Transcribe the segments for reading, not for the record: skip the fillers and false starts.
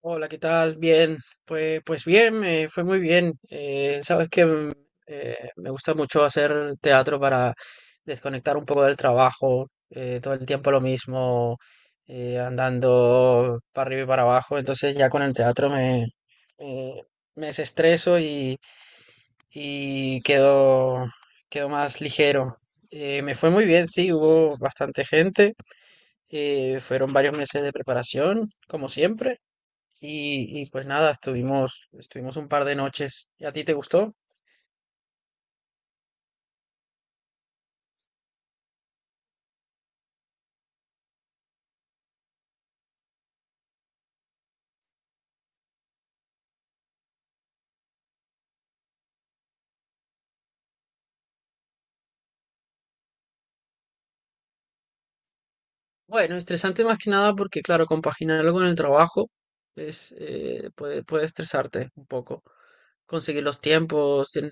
Hola, ¿qué tal? Bien, pues bien, me fue muy bien. Sabes que me gusta mucho hacer teatro para desconectar un poco del trabajo, todo el tiempo lo mismo, andando para arriba y para abajo. Entonces ya con el teatro me, me desestreso y quedo más ligero. Me fue muy bien, sí, hubo bastante gente, fueron varios meses de preparación, como siempre. Y pues nada, estuvimos un par de noches. ¿Y a ti te gustó? Bueno, estresante más que nada porque, claro, compaginarlo con el trabajo es, puede estresarte un poco. Conseguir los tiempos tien-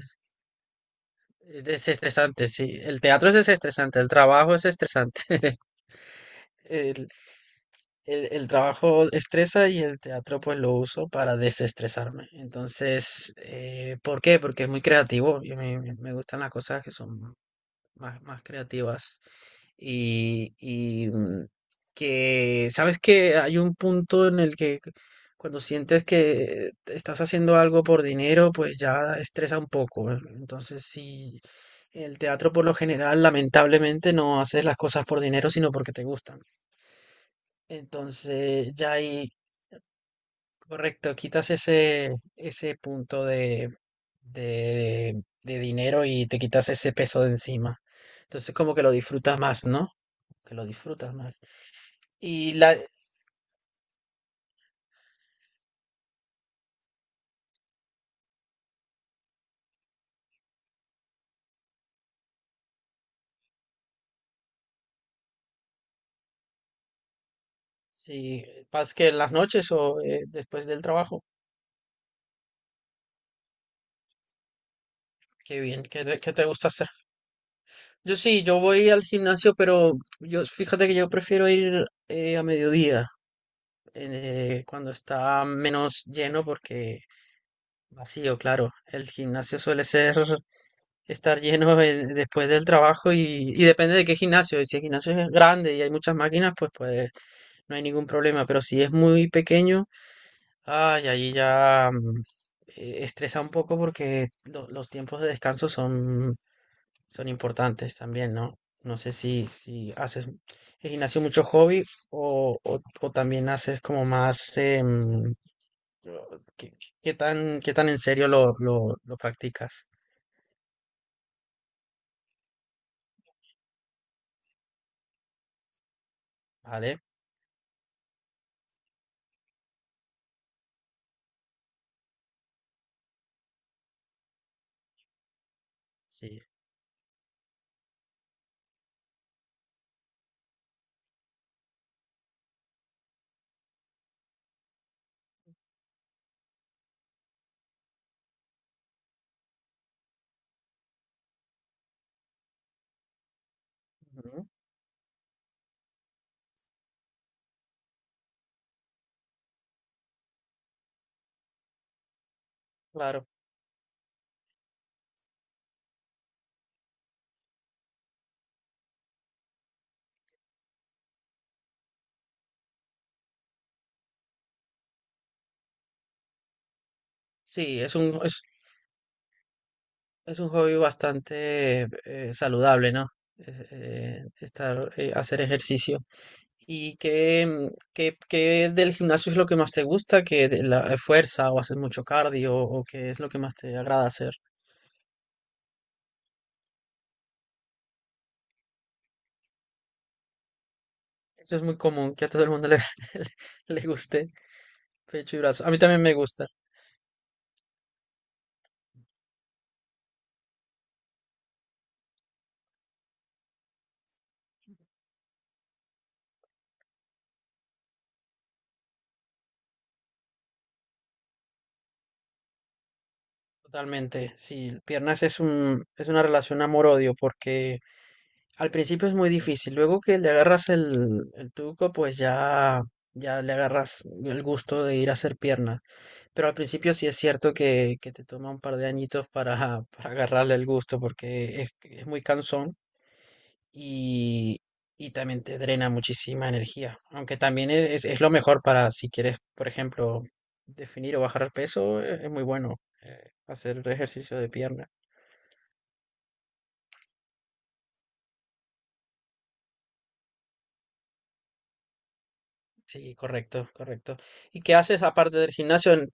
Es estresante, sí. El teatro es estresante, el trabajo es estresante. El, el trabajo estresa y el teatro pues lo uso para desestresarme. Entonces, ¿por qué? Porque es muy creativo y me gustan las cosas que son más creativas. Y, y, mm, ¿Sabes que hay un punto en el que cuando sientes que estás haciendo algo por dinero, pues ya estresa un poco, ¿eh? Entonces, sí, el teatro por lo general, lamentablemente, no haces las cosas por dinero, sino porque te gustan. Entonces, ya ahí, correcto, ese punto de dinero, y te quitas ese peso de encima. Entonces, como que lo disfrutas más, ¿no? Que lo disfrutas más. Y la, si vas que en las noches o después del trabajo, qué bien, ¿qué te gusta hacer? Yo sí, yo voy al gimnasio, pero yo fíjate que yo prefiero ir a mediodía, cuando está menos lleno, porque vacío, claro. El gimnasio suele ser estar lleno después del trabajo, y depende de qué gimnasio. Y si el gimnasio es grande y hay muchas máquinas, pues no hay ningún problema. Pero si es muy pequeño, ay, allí ya estresa un poco porque los tiempos de descanso son importantes también, ¿no? No sé si haces el gimnasio mucho hobby o también haces como más... o- ¿qué, ¿qué tan en serio lo practicas? ¿Vale? Sí. Ujú, claro. Sí, es un hobby bastante saludable, ¿no? Hacer ejercicio. ¿Y qué, qué del gimnasio es lo que más te gusta? ¿Que de la fuerza o haces mucho cardio o qué es lo que más te agrada hacer? Eso es muy común, que a todo el mundo le le guste pecho y brazo. A mí también me gusta, totalmente. Sí, piernas es una relación amor-odio porque al principio es muy difícil. Luego que le agarras el truco, ya le agarras el gusto de ir a hacer piernas. Pero al principio sí es cierto que te toma un par de añitos para agarrarle el gusto porque es muy cansón y, y también te drena muchísima energía. Aunque también es lo mejor para si quieres, por ejemplo, definir o bajar peso, es muy bueno hacer ejercicio de pierna. Sí, correcto, correcto. ¿Y qué haces aparte del gimnasio?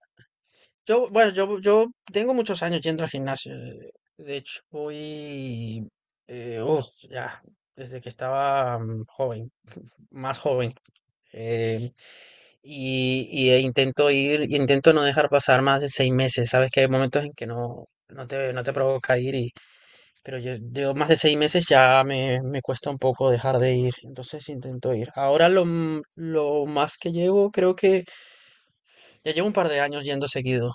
Yo, bueno, yo tengo muchos años yendo al gimnasio. De hecho, voy, eh, uf, ya, desde que estaba joven. Más joven. eh, y, intento ir, intento no dejar pasar más de 6 meses. Sabes que hay momentos en que no te, no te provoca ir, y, pero yo más de 6 meses ya me cuesta un poco dejar de ir. Entonces intento ir. Ahora lo más que llevo, creo que ya llevo un par de años yendo seguido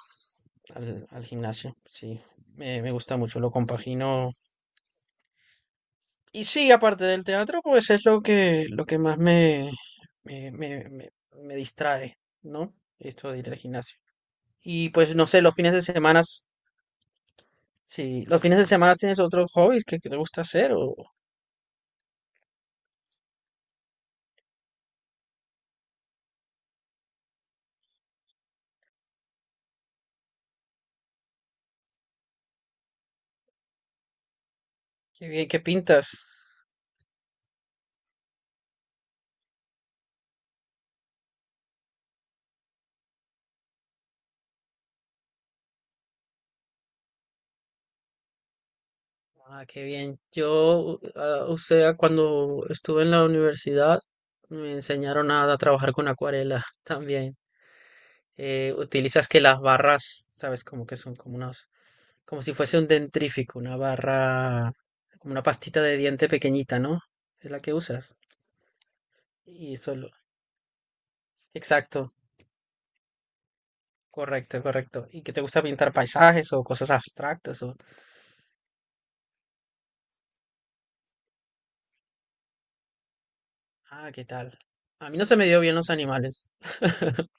al gimnasio. Sí, me gusta mucho, lo compagino. Y sí, aparte del teatro, pues es lo que más me distrae, ¿no? Esto de ir al gimnasio. Y pues no sé, los fines de semana, si los fines de semana tienes otros hobbies que te gusta hacer o qué bien, qué pintas. Ah, qué bien. Yo, ah, o sea, cuando estuve en la universidad, me enseñaron a trabajar con acuarela también. Utilizas que las barras, sabes, como que son como unos como si fuese un dentrífico, una barra, como una pastita de diente pequeñita, ¿no? Es la que usas. Y solo. Exacto, correcto, correcto. ¿Y que te gusta pintar paisajes o cosas abstractas? O... Ah, ¿qué tal? A mí no se me dio bien los animales.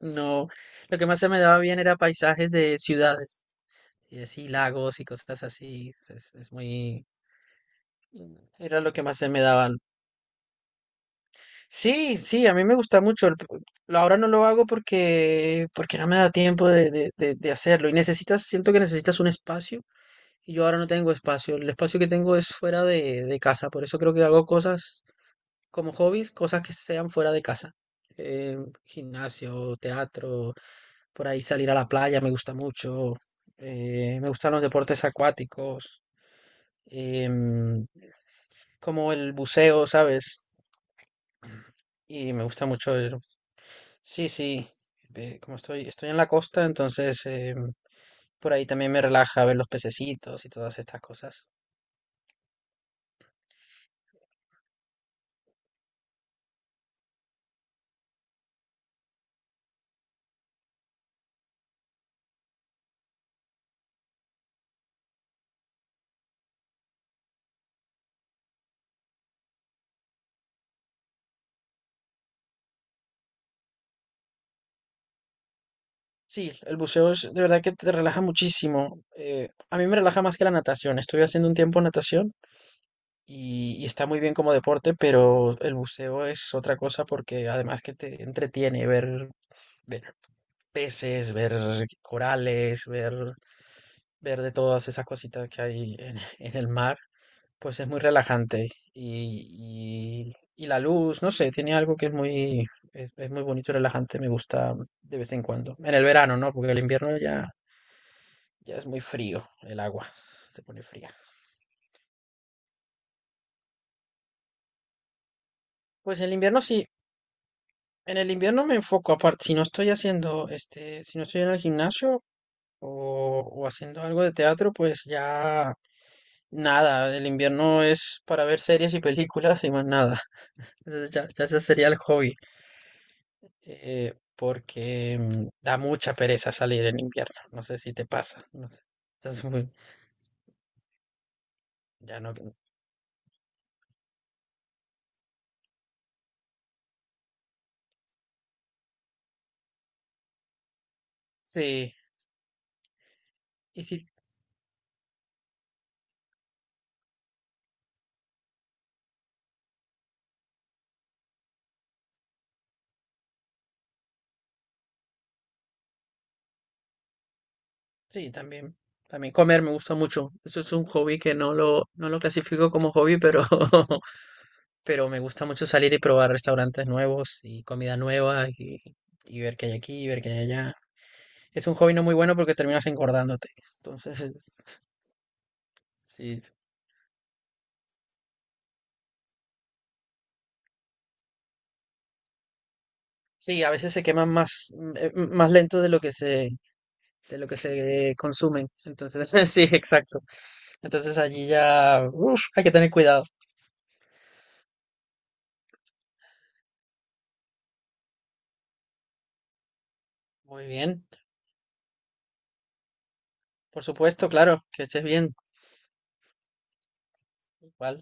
No, lo que más se me daba bien era paisajes de ciudades. Y así lagos y cosas así. Es muy... Era lo que más se me daba. Sí, sí, a mí me gusta mucho. Ahora no lo hago porque, porque no me da tiempo de hacerlo. Y necesitas, siento que necesitas un espacio. Y yo ahora no tengo espacio. El espacio que tengo es fuera de casa. Por eso creo que hago cosas como hobbies, cosas que sean fuera de casa. Eh, Gimnasio, teatro, por ahí salir a la playa me gusta mucho. Me gustan los deportes acuáticos, em, como el buceo, ¿sabes? Y me gusta mucho. Sí, sí. Como estoy, estoy en la costa, entonces por ahí también me relaja ver los pececitos y todas estas cosas. Sí, el buceo es de verdad que te relaja muchísimo. A mí me relaja más que la natación. Estuve haciendo un tiempo natación y está muy bien como deporte, pero el buceo es otra cosa porque además que te entretiene ver peces, ver corales, ver de todas esas cositas que hay en el mar. Pues es muy relajante y la luz, no sé, tiene algo que es muy, es muy bonito y relajante, me gusta de vez en cuando. En el verano, ¿no? Porque el invierno ya, ya es muy frío, el agua se pone fría. Pues el invierno sí, en el invierno me enfoco aparte, si no estoy haciendo, este, si no estoy en el gimnasio o, o haciendo algo de teatro, pues ya nada, el invierno es para ver series y películas y más nada. Entonces ya, ya ese sería el hobby. Da mucha pereza salir en invierno. No sé si te pasa. No sé. Entonces, muy- ya no. Sí, y sí, sí, también. También comer me gusta mucho. Eso es un hobby que no lo clasifico como hobby, pero, pero me gusta mucho salir y probar restaurantes nuevos y comida nueva y ver qué hay aquí y ver qué hay allá. Es un hobby no muy bueno porque terminas engordándote. Entonces, sí, sí, a veces se queman más, más lento de lo que se, de lo que se consumen. Entonces, sí, exacto. Entonces allí ya, uf, hay que tener cuidado. Muy bien, por supuesto, claro, que estés bien. Igual.